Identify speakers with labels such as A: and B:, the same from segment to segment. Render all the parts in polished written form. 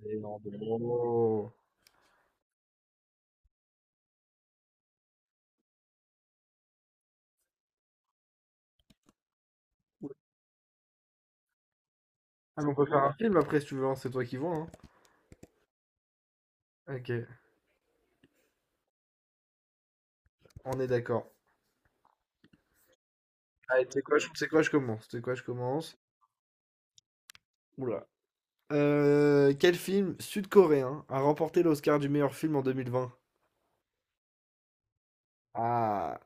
A: Oh. Ah, mais on peut faire un film après si tu veux, hein, c'est toi qui vois. Hein. Ok, on est d'accord. Allez, tu sais quoi, tu sais quoi, je commence. Tu sais quoi, je commence. Oula. Quel film sud-coréen a remporté l'Oscar du meilleur film en 2020? Ah,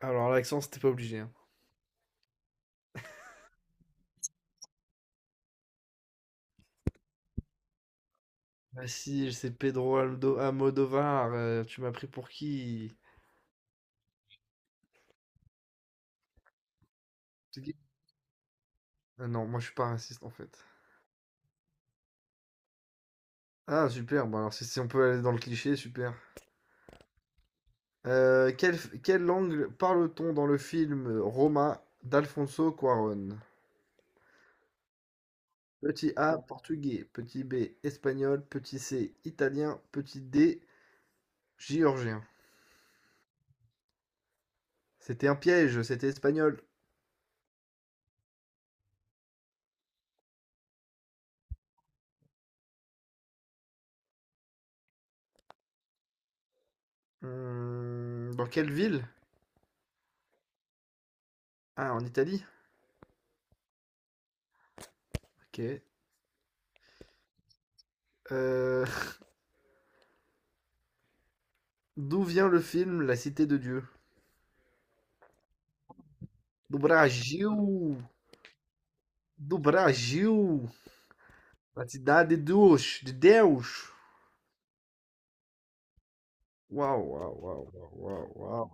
A: alors l'accent, c'était pas obligé. Hein. Bah si, c'est Pedro Aldo Almodovar, tu m'as pris pour qui? C'est qui? Ah non, moi je suis pas raciste en fait. Ah, super, bon alors si on peut aller dans le cliché, super. Quelle langue parle-t-on dans le film Roma d'Alfonso Cuarón? Petit A, portugais. Petit B, espagnol. Petit C, italien. Petit D, géorgien. C'était un piège, c'était espagnol. Hmm, dans quelle ville? Ah, en Italie? Ok. Euh, D'où vient le film La Cité de Dieu? Do Brasil! Do Brasil! La Cidade de Deus! De Deus! Waouh, waouh, waouh, waouh, waouh.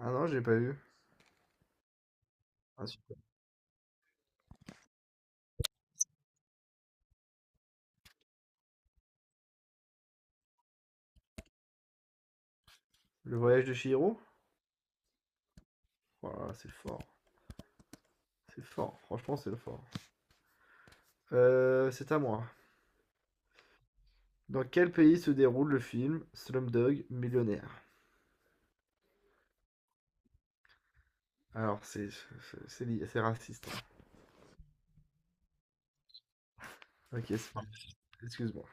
A: Ah non, j'ai pas vu. Ah, si. Le voyage de Chihiro. Voilà, c'est fort. C'est fort. Franchement, c'est fort. C'est à moi. Dans quel pays se déroule le film Slumdog Millionnaire? Alors, c'est raciste. Hein. Ok, bon. Excuse-moi.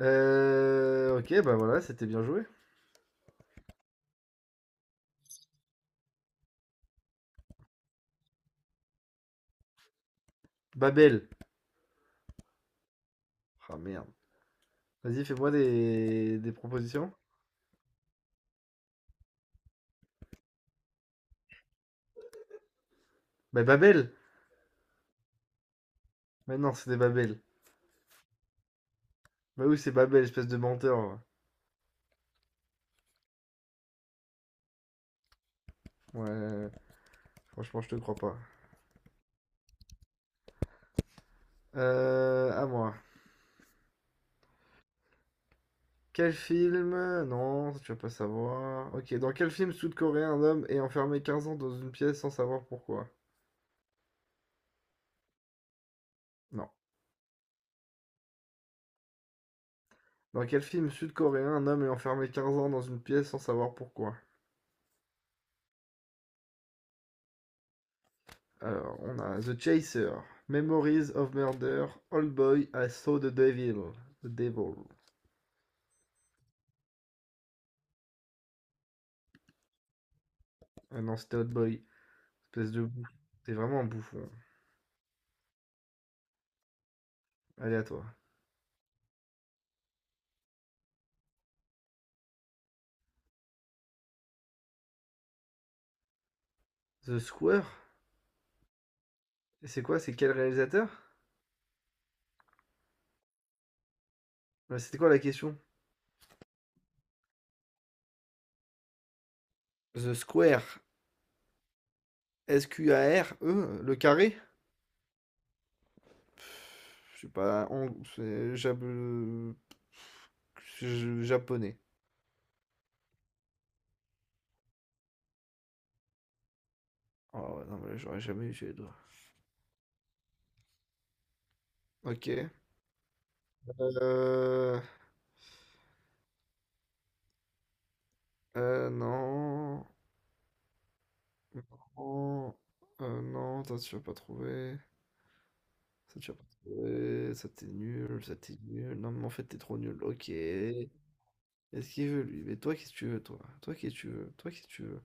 A: Ok, bah voilà, c'était bien joué. Babel. Ah merde. Vas-y, fais-moi des propositions. Bah Babel. Mais non, c'est des Babel. Bah oui, c'est Babel, espèce de menteur. Ouais, franchement, je te crois pas. À moi. Quel film? Non, tu vas pas savoir. Ok, dans quel film sud-coréen un homme est enfermé 15 ans dans une pièce sans savoir pourquoi? Non. Dans quel film sud-coréen un homme est enfermé 15 ans dans une pièce sans savoir pourquoi? Alors, on a The Chaser, Memories of Murder, Old Boy, I Saw the Devil. The Devil. Ah non, c'était Old Boy. Espèce de bouffon. T'es vraiment un bouffon. Allez à toi. The Square? Et c'est quoi? C'est quel réalisateur? C'était quoi la question? The Square. S-Q-A-R-E? Le carré? Je sais pas, hong c'est jap je japonais. Oh ouais, non, mais là, j'aurais jamais eu les doigts. OK. Euh heu, non, non, non, ça tu vas pas trouver, ça tu vas pas trouver, ça t'es nul, ça t'es nul. Non, mais en fait, t'es trop nul. OK. Qu'est-ce qu'il veut lui? Mais toi, qu'est-ce que tu veux toi? Toi, qu'est-ce que tu veux? Toi, qu'est-ce que tu veux?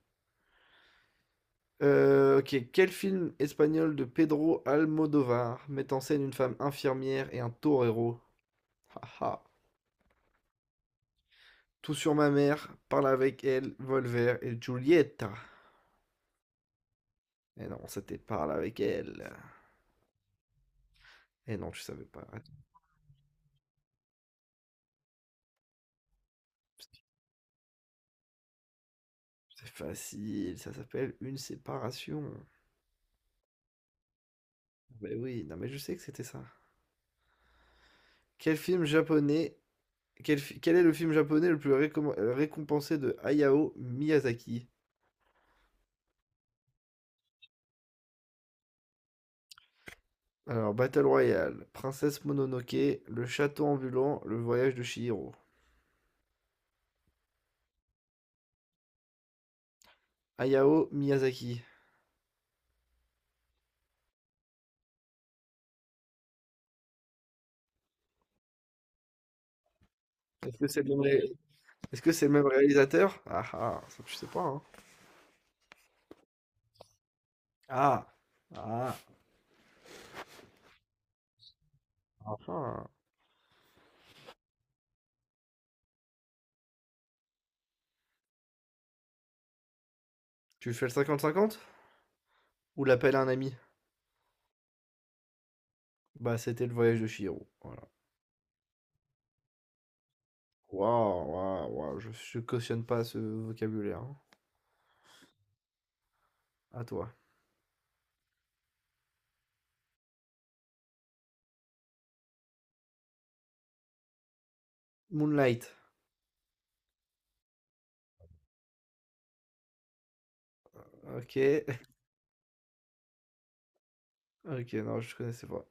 A: OK, quel film espagnol de Pedro Almodovar met en scène une femme infirmière et un torero? Haha. Tout sur ma mère, parle avec elle, Volver et Giulietta. Et non, c'était parle avec elle. Et non, tu savais pas. C'est facile, ça s'appelle une séparation. Mais oui, non mais je sais que c'était ça. Quel film japonais, quel est le film japonais le plus récompensé de Hayao Miyazaki? Alors, Battle Royale, Princesse Mononoke, Le Château ambulant, Le Voyage de Chihiro. Hayao Miyazaki. Est-ce que c'est le nom Est-ce que c'est le même réalisateur? Ah ah, ça tu sais pas, hein. Ah! Ah! Ah ah! Tu fais le cinquante cinquante ou l'appel à un ami? Bah, c'était le voyage de Chihiro. Voilà. Waouh, waouh, waouh, je cautionne pas ce vocabulaire. Hein. À toi. Moonlight. Ok. Ok, non, je connaissais pas.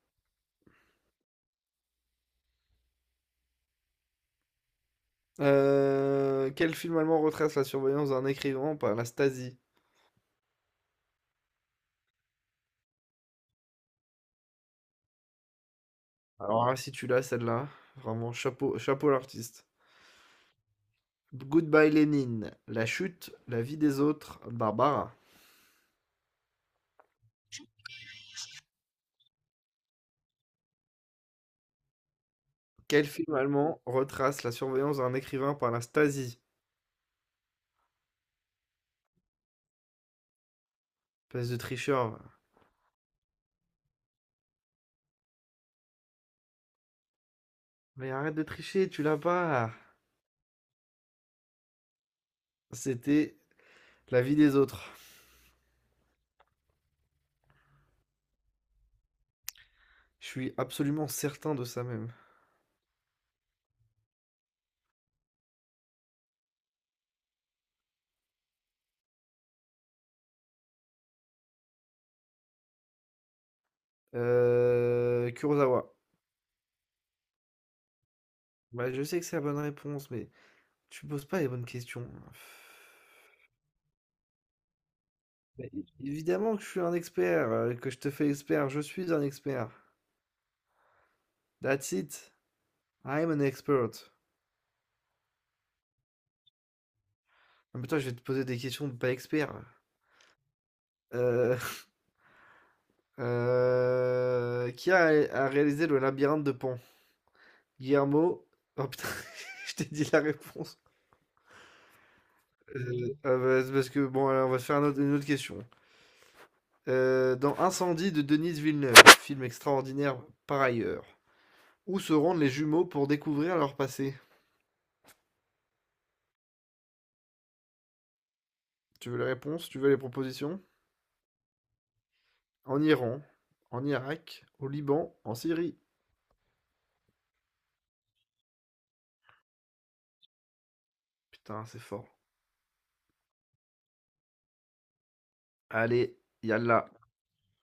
A: Quel film allemand retrace la surveillance d'un écrivain par la Stasi? Alors là, si tu l'as, celle-là, vraiment chapeau, chapeau l'artiste. Goodbye Lénine. La chute, la vie des autres, Barbara. Quel film allemand retrace la surveillance d'un écrivain par la Stasi? Espèce de tricheur, va. Mais arrête de tricher, tu l'as pas. C'était La vie des autres. Je suis absolument certain de ça même. Kurosawa. Bah, je sais que c'est la bonne réponse, mais tu poses pas les bonnes questions. Mais évidemment que je suis un que je te fais expert, je suis un expert. That's it. I'm an expert. Ah, mais toi, je vais te poser des questions de pas expert. Euh, Euh, qui a, A réalisé le labyrinthe de Pan? Guillermo. Oh putain, je t'ai dit la réponse. C'est parce que bon, alors, on va se faire une autre question. Dans Incendie de Denis Villeneuve, film extraordinaire par ailleurs, où se rendent les jumeaux pour découvrir leur passé? Tu veux les réponses? Tu veux les propositions? En Iran, en Irak, au Liban, en Syrie. Putain, c'est fort. Allez, yalla.